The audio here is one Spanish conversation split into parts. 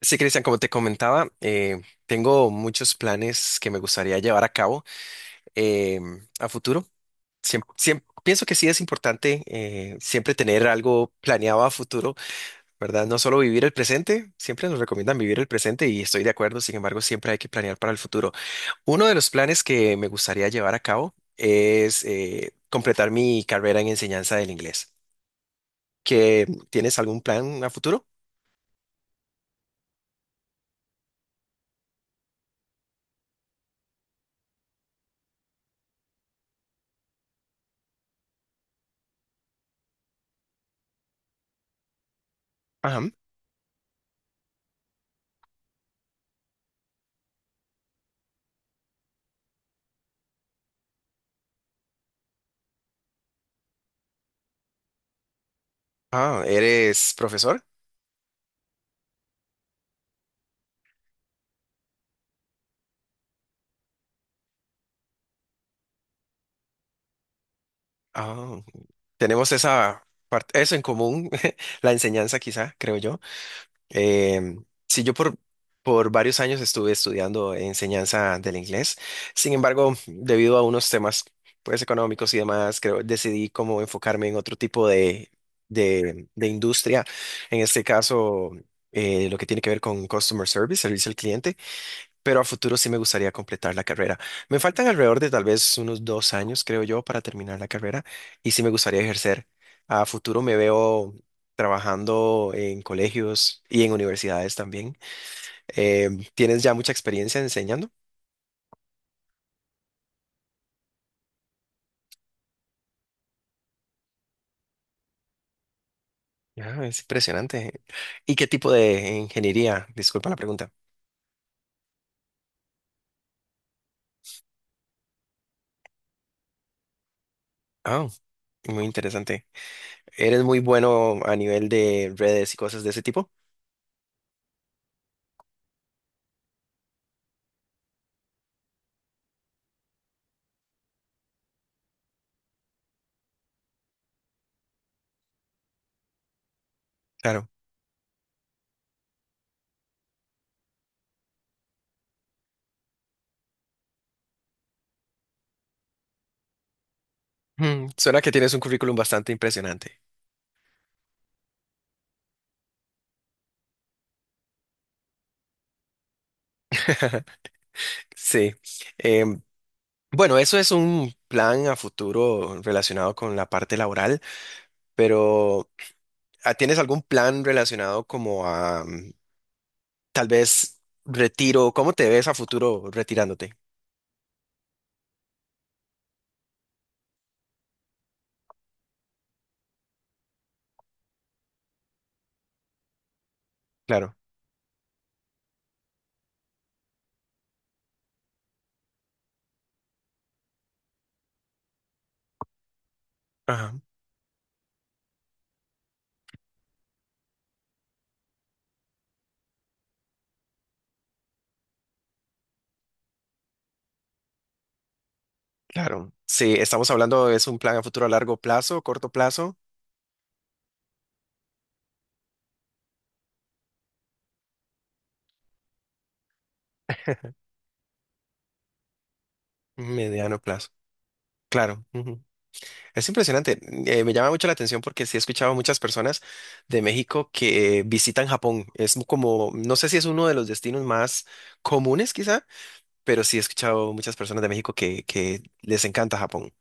Sí, Cristian, como te comentaba, tengo muchos planes que me gustaría llevar a cabo eh, a futuro. Pienso que sí es importante siempre tener algo planeado a futuro, ¿verdad? No solo vivir el presente, siempre nos recomiendan vivir el presente y estoy de acuerdo, sin embargo, siempre hay que planear para el futuro. Uno de los planes que me gustaría llevar a cabo es completar mi carrera en enseñanza del inglés. ¿Que tienes algún plan a futuro? Ajá. Ah, ¿eres profesor? Ah. Tenemos esa parte, eso en común, la enseñanza quizá, creo yo. Eh, sí, por varios años estuve estudiando enseñanza del inglés. Sin embargo, debido a unos temas pues económicos y demás, creo decidí como enfocarme en otro tipo de, de industria. En este caso, lo que tiene que ver con customer service, servicio al cliente, pero a futuro sí me gustaría completar la carrera. Me faltan alrededor de tal vez unos 2 años, creo yo, para terminar la carrera y sí me gustaría ejercer. A futuro me veo trabajando en colegios y en universidades también. Eh, ¿Tienes ya mucha experiencia enseñando? Ah, es impresionante. ¿Y qué tipo de ingeniería? Disculpa la pregunta. Ah, muy interesante. ¿Eres muy bueno a nivel de redes y cosas de ese tipo? Claro. Mm, suena que tienes un currículum bastante impresionante. Sí. Em, bueno, eso es un plan a futuro relacionado con la parte laboral, pero ah, ¿tienes algún plan relacionado como a tal vez retiro? ¿Cómo te ves a futuro retirándote? Claro. Ajá, claro. Sí, estamos hablando, es un plan a futuro a largo plazo, corto plazo, mediano plazo. Claro. Ujú. Es impresionante. Me llama mucho la atención porque sí he escuchado a muchas personas de México que visitan Japón. Es como, no sé si es uno de los destinos más comunes quizá, pero sí he escuchado muchas personas de México que les encanta Japón.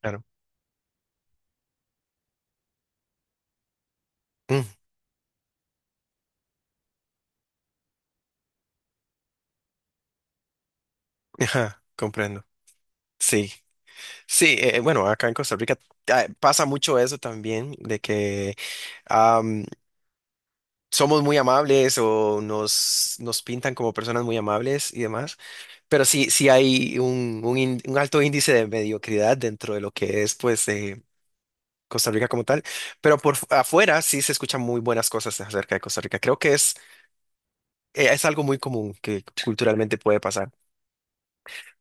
Claro. Mm, ajá, comprendo. Sí, sí, bueno, acá en Costa Rica ah, pasa mucho eso también, de que am, somos muy amables o nos, nos pintan como personas muy amables y demás, pero sí, sí hay un, un alto índice de mediocridad dentro de lo que es, pues, Costa Rica como tal, pero por afuera sí se escuchan muy buenas cosas acerca de Costa Rica. Creo que es algo muy común que culturalmente puede pasar.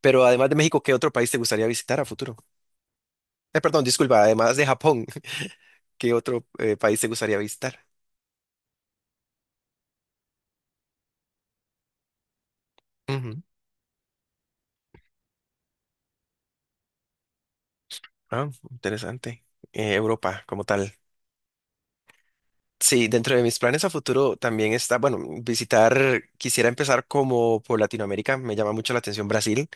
Pero además de México, ¿qué otro país te gustaría visitar a futuro? Perdón, disculpa, además de Japón, ¿qué otro país te gustaría visitar? Ujú. Ah, interesante. Europa como tal. Sí, dentro de mis planes a futuro también está, bueno, visitar, quisiera empezar como por Latinoamérica, me llama mucho la atención Brasil.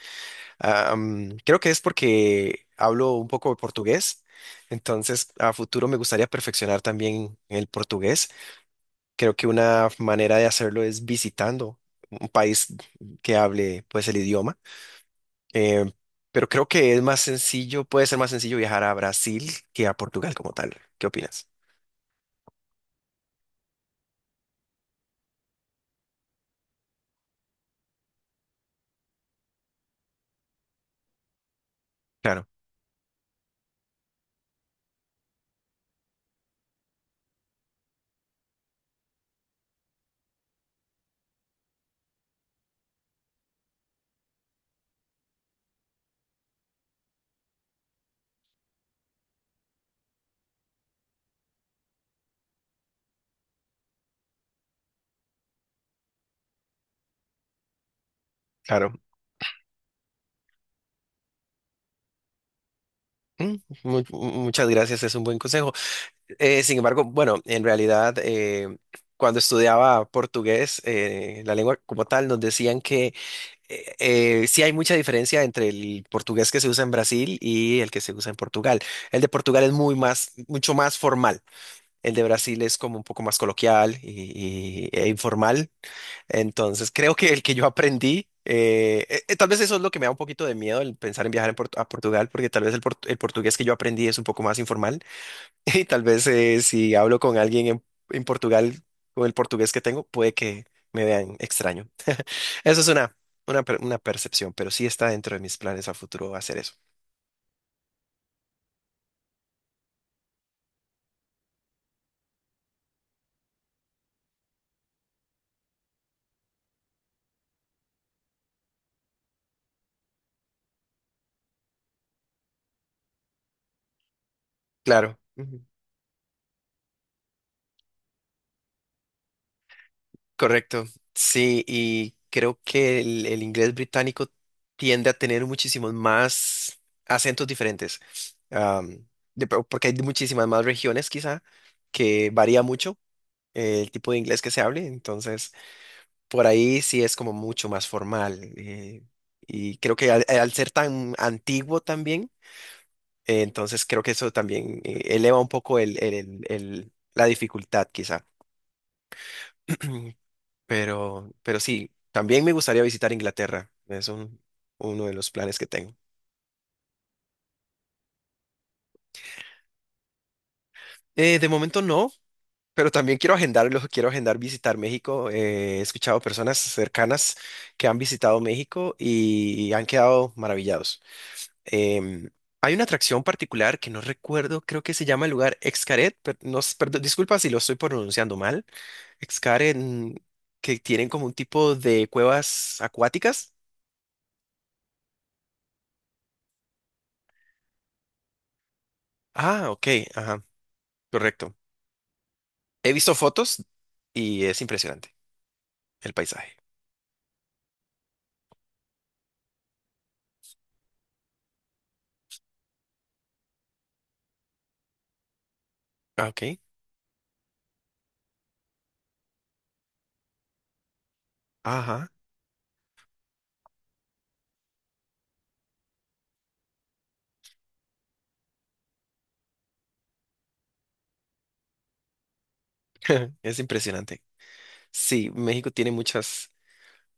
Ah, mm, creo que es porque hablo un poco de portugués, entonces a futuro me gustaría perfeccionar también el portugués. Creo que una manera de hacerlo es visitando un país que hable pues el idioma. Eh, pero creo que es más sencillo, puede ser más sencillo viajar a Brasil que a Portugal como tal. ¿Qué opinas? Claro, claro. Mm, muchas gracias, es un buen consejo. Sin embargo, bueno, en realidad, cuando estudiaba portugués, la lengua como tal, nos decían que sí hay mucha diferencia entre el portugués que se usa en Brasil y el que se usa en Portugal. El de Portugal es muy más, mucho más formal. El de Brasil es como un poco más coloquial y, e informal. Entonces, creo que el que yo aprendí, tal vez eso es lo que me da un poquito de miedo el pensar en viajar en a Portugal, porque tal vez el portugués que yo aprendí es un poco más informal. Y tal vez si hablo con alguien en Portugal, con el portugués que tengo, puede que me vean extraño. Eso es una, una percepción, pero sí está dentro de mis planes a futuro hacer eso. Claro, ujú, correcto. Sí, y creo que el inglés británico tiende a tener muchísimos más acentos diferentes, am, porque hay muchísimas más regiones quizá, que varía mucho el tipo de inglés que se hable, entonces por ahí sí es como mucho más formal. Y creo que al ser tan antiguo también entonces creo que eso también eleva un poco la dificultad quizá. Pero sí, también me gustaría visitar Inglaterra. Uno de los planes que tengo. De momento no, pero también quiero agendarlo, quiero agendar visitar México. He escuchado personas cercanas que han visitado México y han quedado maravillados. Em, hay una atracción particular que no recuerdo, creo que se llama el lugar Xcaret, pero no, perdón, disculpa si lo estoy pronunciando mal, excavar en que tienen como un tipo de cuevas acuáticas. Ah, ok, ajá, correcto. He visto fotos y es impresionante el paisaje. Ah, ok, ajá, es impresionante. Sí, México tiene muchas,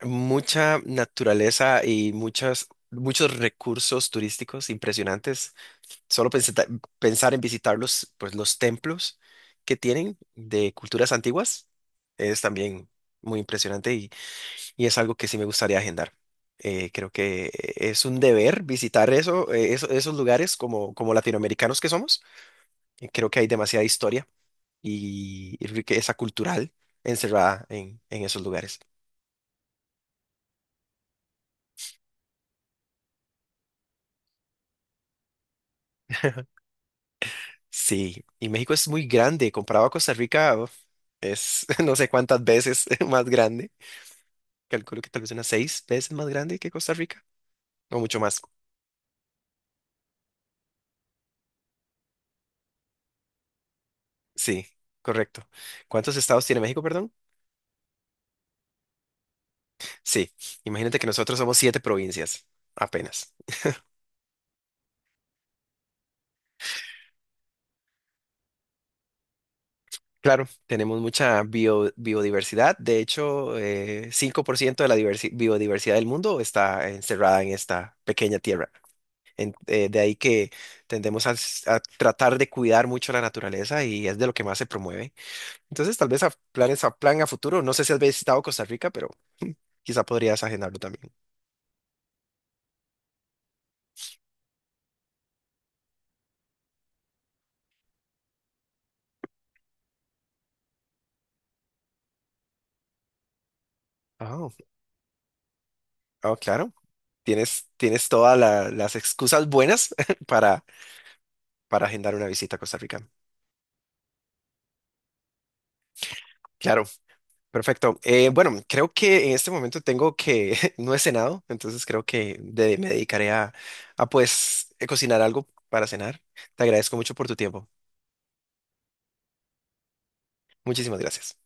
mucha naturaleza y muchas, muchos recursos turísticos impresionantes. Solo pensar en visitar los, pues, los templos que tienen de culturas antiguas es también muy impresionante y es algo que sí me gustaría agendar. Creo que es un deber visitar eso, esos lugares como, como latinoamericanos que somos. Creo que hay demasiada historia y riqueza cultural encerrada en esos lugares. Sí, y México es muy grande, comparado a Costa Rica, uf, es no sé cuántas veces más grande. Calculo que tal vez unas 6 veces más grande que Costa Rica, o mucho más. Sí, correcto. ¿Cuántos estados tiene México, perdón? Sí, imagínate que nosotros somos siete provincias, apenas. Claro, tenemos mucha biodiversidad. De hecho, 5% de la biodiversidad del mundo está encerrada en esta pequeña tierra. De ahí que tendemos a, a tratar de cuidar mucho la naturaleza y es de lo que más se promueve. Entonces, tal vez a plan a futuro. No sé si has visitado Costa Rica, pero quizá podrías agendarlo también. Ah, ah, claro. Tienes, tienes todas las excusas buenas para, para agendar una visita a Costa Rica. Claro, perfecto. Bueno, creo que en este momento tengo que, no he cenado, entonces creo que me dedicaré a pues cocinar algo para cenar. Te agradezco mucho por tu tiempo. Muchísimas gracias.